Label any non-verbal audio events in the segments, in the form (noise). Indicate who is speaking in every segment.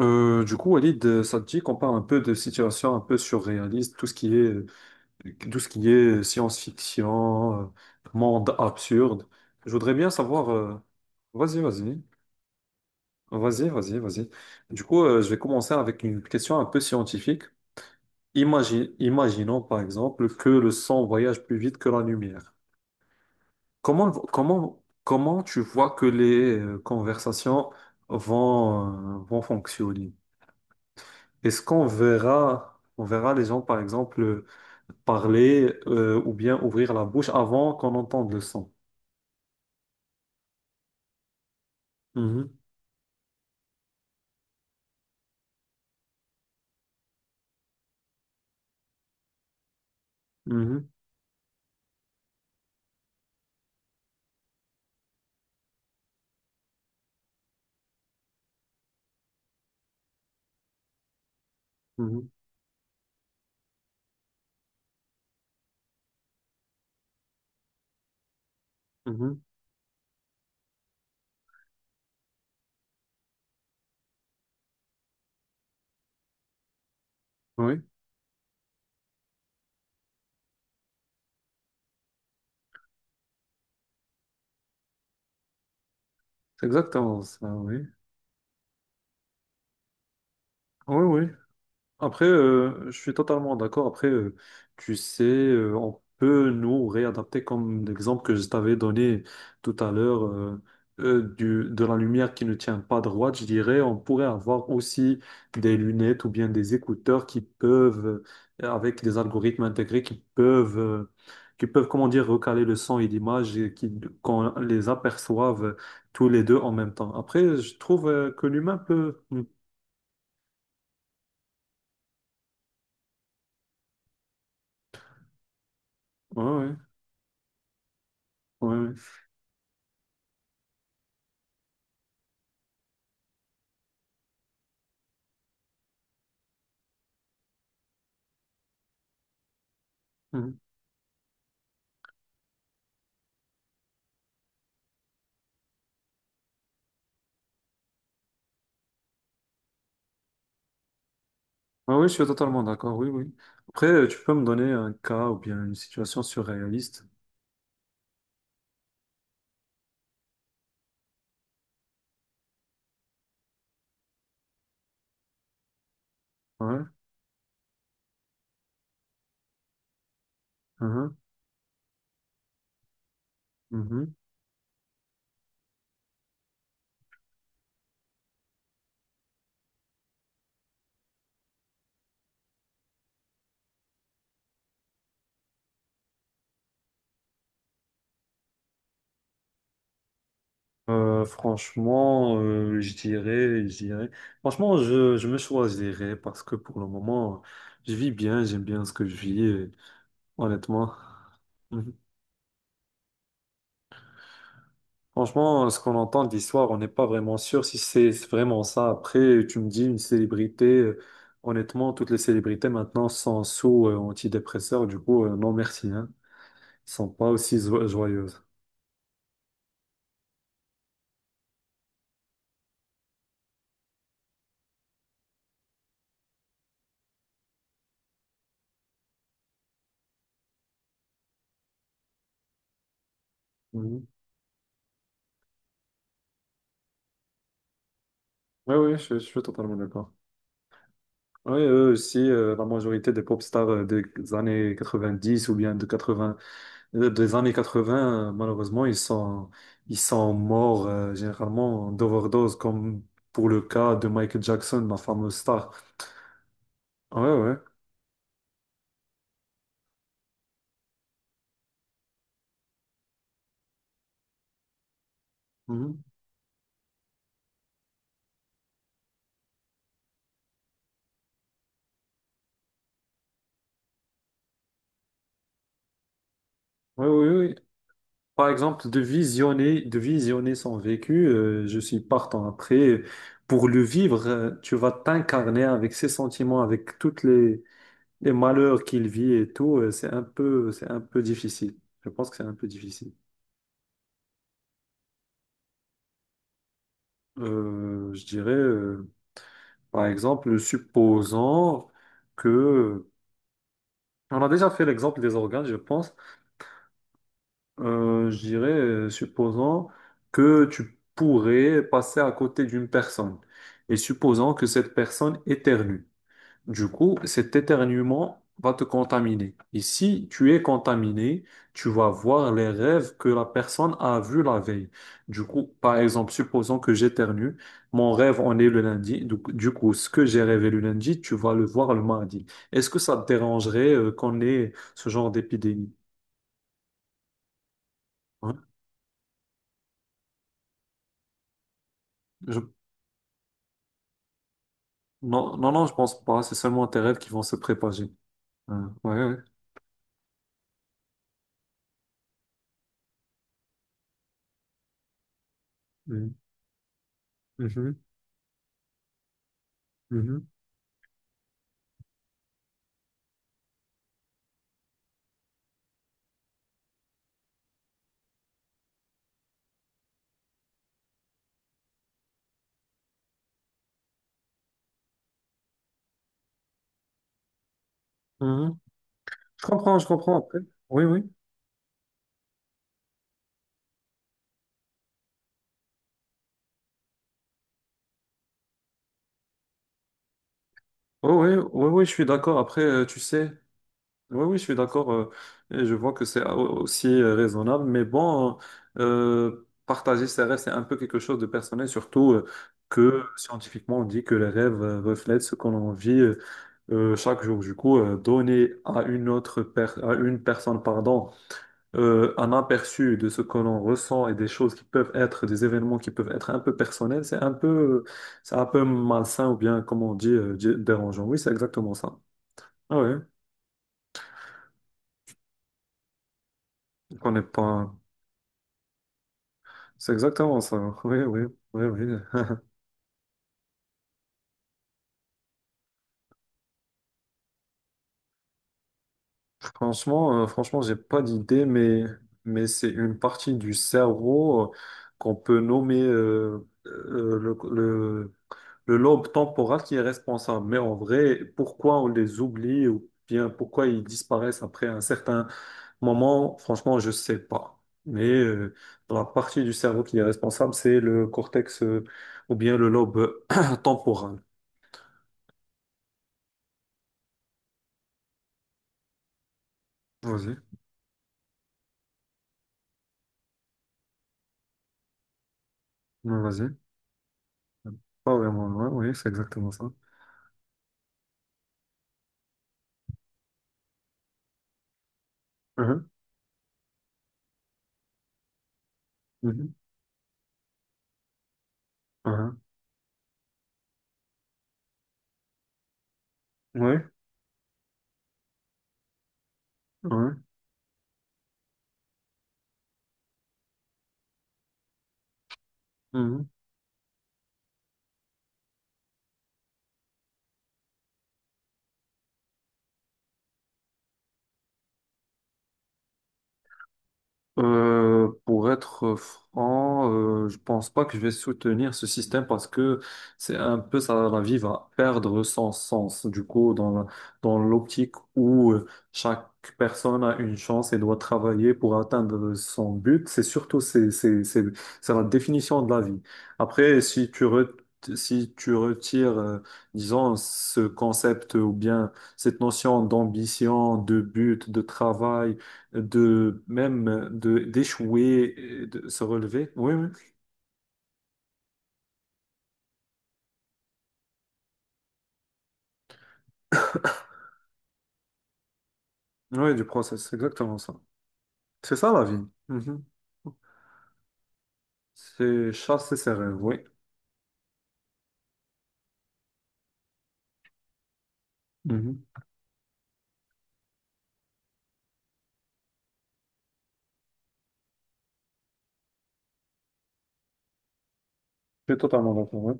Speaker 1: Walid, ça te dit qu'on parle un peu de situations un peu surréalistes, tout ce qui est, tout ce qui est science-fiction, monde absurde. Je voudrais bien savoir. Vas-y, vas-y, vas-y. Je vais commencer avec une question un peu scientifique. Imaginons par exemple que le sang voyage plus vite que la lumière. Comment tu vois que les conversations vont fonctionner? Est-ce qu'on verra les gens, par exemple, parler ou bien ouvrir la bouche avant qu'on entende le son? Mhm, mhm, mhm, mhm. Oui, c'est exactement ça, oui. Oui, oui. Je suis totalement d'accord. Tu sais, on peut nous réadapter comme l'exemple que je t'avais donné tout à l'heure, de la lumière qui ne tient pas droite. Je dirais, on pourrait avoir aussi des lunettes ou bien des écouteurs qui avec des algorithmes intégrés, qui peuvent, comment dire, recaler le son et l'image, et qui, qu'on les aperçoive tous les deux en même temps. Après, je trouve que l'humain peut. Mm. Ouais, ouais, ouais, ouais. Hmm. Ah oui, je suis totalement d'accord, oui, oui. Tu peux me donner un cas ou bien une situation surréaliste. Ouais. Mhm, mhm. Franchement, je dirais. Franchement, je me choisirais parce que pour le moment, je vis bien, j'aime bien ce que je vis, et honnêtement. Mhm. Franchement, ce qu'on entend d'histoire, on n'est pas vraiment sûr si c'est vraiment ça. Après, tu me dis une célébrité. Honnêtement, toutes les célébrités maintenant sont sous antidépresseurs, du coup, non merci, hein. Sont pas aussi joyeuses. Mhm. Oui, oui, je suis totalement d'accord. Oui, eux aussi, la majorité des pop stars des années 90 ou bien de 80, des années 80, malheureusement, ils sont morts généralement d'overdose, comme pour le cas de Michael Jackson, la fameuse star. Oui, oui. Mhm. Oui, oui, oui. Par exemple, de visionner son vécu, je suis partant après. Pour le vivre, tu vas t'incarner avec ses sentiments, avec toutes les malheurs qu'il vit et tout, c'est un peu difficile. Je pense que c'est un peu difficile. Euh, je dirais, euh, Par exemple, supposons que, on a déjà fait l'exemple des organes, je pense. Supposons que tu pourrais passer à côté d'une personne, et supposons que cette personne éternue. Du coup, cet éternuement va te contaminer. Et si tu es contaminé, tu vas voir les rêves que la personne a vus la veille. Du coup, par exemple, supposons que j'éternue, mon rêve en est le lundi. Du coup, ce que j'ai rêvé le lundi, tu vas le voir le mardi. Est-ce que ça te dérangerait qu'on ait ce genre d'épidémie? Hein. Je- Non, non, non, je pense pas. C'est seulement tes rêves qui vont se propager. Hein, ouais, ouais. Mhm, mhm, mhm, mhm. Je comprends après. Oui, oui. Oui, ouais, ouais, ouais, ouais, je suis d'accord. Tu sais, oui, oui, je suis d'accord. Et je vois que c'est aussi raisonnable. Mais bon, partager ses rêves, c'est un peu quelque chose de personnel, surtout que scientifiquement, on dit que les rêves reflètent ce qu'on vit chaque jour. Du coup, donner à une à une personne, pardon, un aperçu de ce que l'on ressent et des choses qui peuvent être, des événements qui peuvent être un peu personnels, c'est un peu malsain ou bien, comme on dit, dérangeant. Oui, c'est exactement ça. Ah oui, on n'est pas. C'est exactement ça. Oui, oui, oui, oui. Franchement, j'ai pas d'idée, mais c'est une partie du cerveau qu'on peut nommer le lobe temporal qui est responsable. Mais en vrai, pourquoi on les oublie ou bien pourquoi ils disparaissent après un certain moment, franchement, je sais pas. Mais dans la partie du cerveau qui est responsable, c'est le cortex ou bien le lobe (coughs) (clears throat) temporal. Vas-y. Non, vas-y. Pas vraiment moi, ouais, oui, c'est exactement ça. Mhm, mhm, mhm. Ouais, ouais. Mhm. Pour être franc, je pense pas que je vais soutenir ce système parce que c'est un peu ça, la vie va perdre son sens. Du coup, dans l'optique où chaque personne a une chance et doit travailler pour atteindre son but, c'est surtout c'est la définition de la vie. Après, si tu retires, disons, ce concept ou bien cette notion d'ambition, de but, de travail, de même de d'échouer, et de se relever. Oui, oui, oui, du process, c'est exactement ça. C'est ça la vie. Mhm. C'est chasser ses rêves, oui. Mhm. Je suis totalement d'accord. Oui.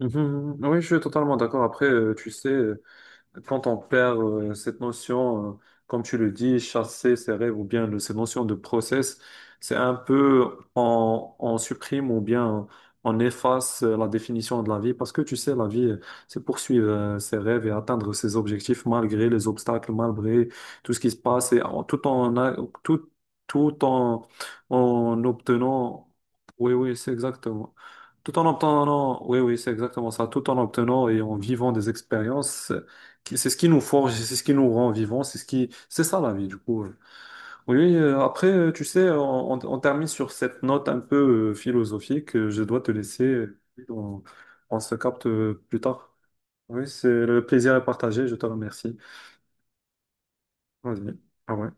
Speaker 1: Mhm, mhm. Oui, je suis totalement d'accord. Après, tu sais. Quand on perd cette notion, comme tu le dis, chasser ses rêves ou bien cette notion de process, c'est un peu on supprime ou bien on efface la définition de la vie, parce que tu sais, la vie, c'est poursuivre ses rêves et atteindre ses objectifs malgré les obstacles, malgré tout ce qui se passe et tout tout en en obtenant. Oui, oui, c'est exactement. Tout en obtenant, oui, oui, c'est exactement ça. Tout en obtenant et en vivant des expériences, c'est ce qui nous forge, c'est ce qui nous rend vivants, c'est ce qui, c'est ça la vie du coup. Oui, tu sais, on termine sur cette note un peu philosophique. Je dois te laisser. On, on se capte plus tard. Oui, c'est le plaisir est partagé. Je te remercie. Vas-y. Ah ouais.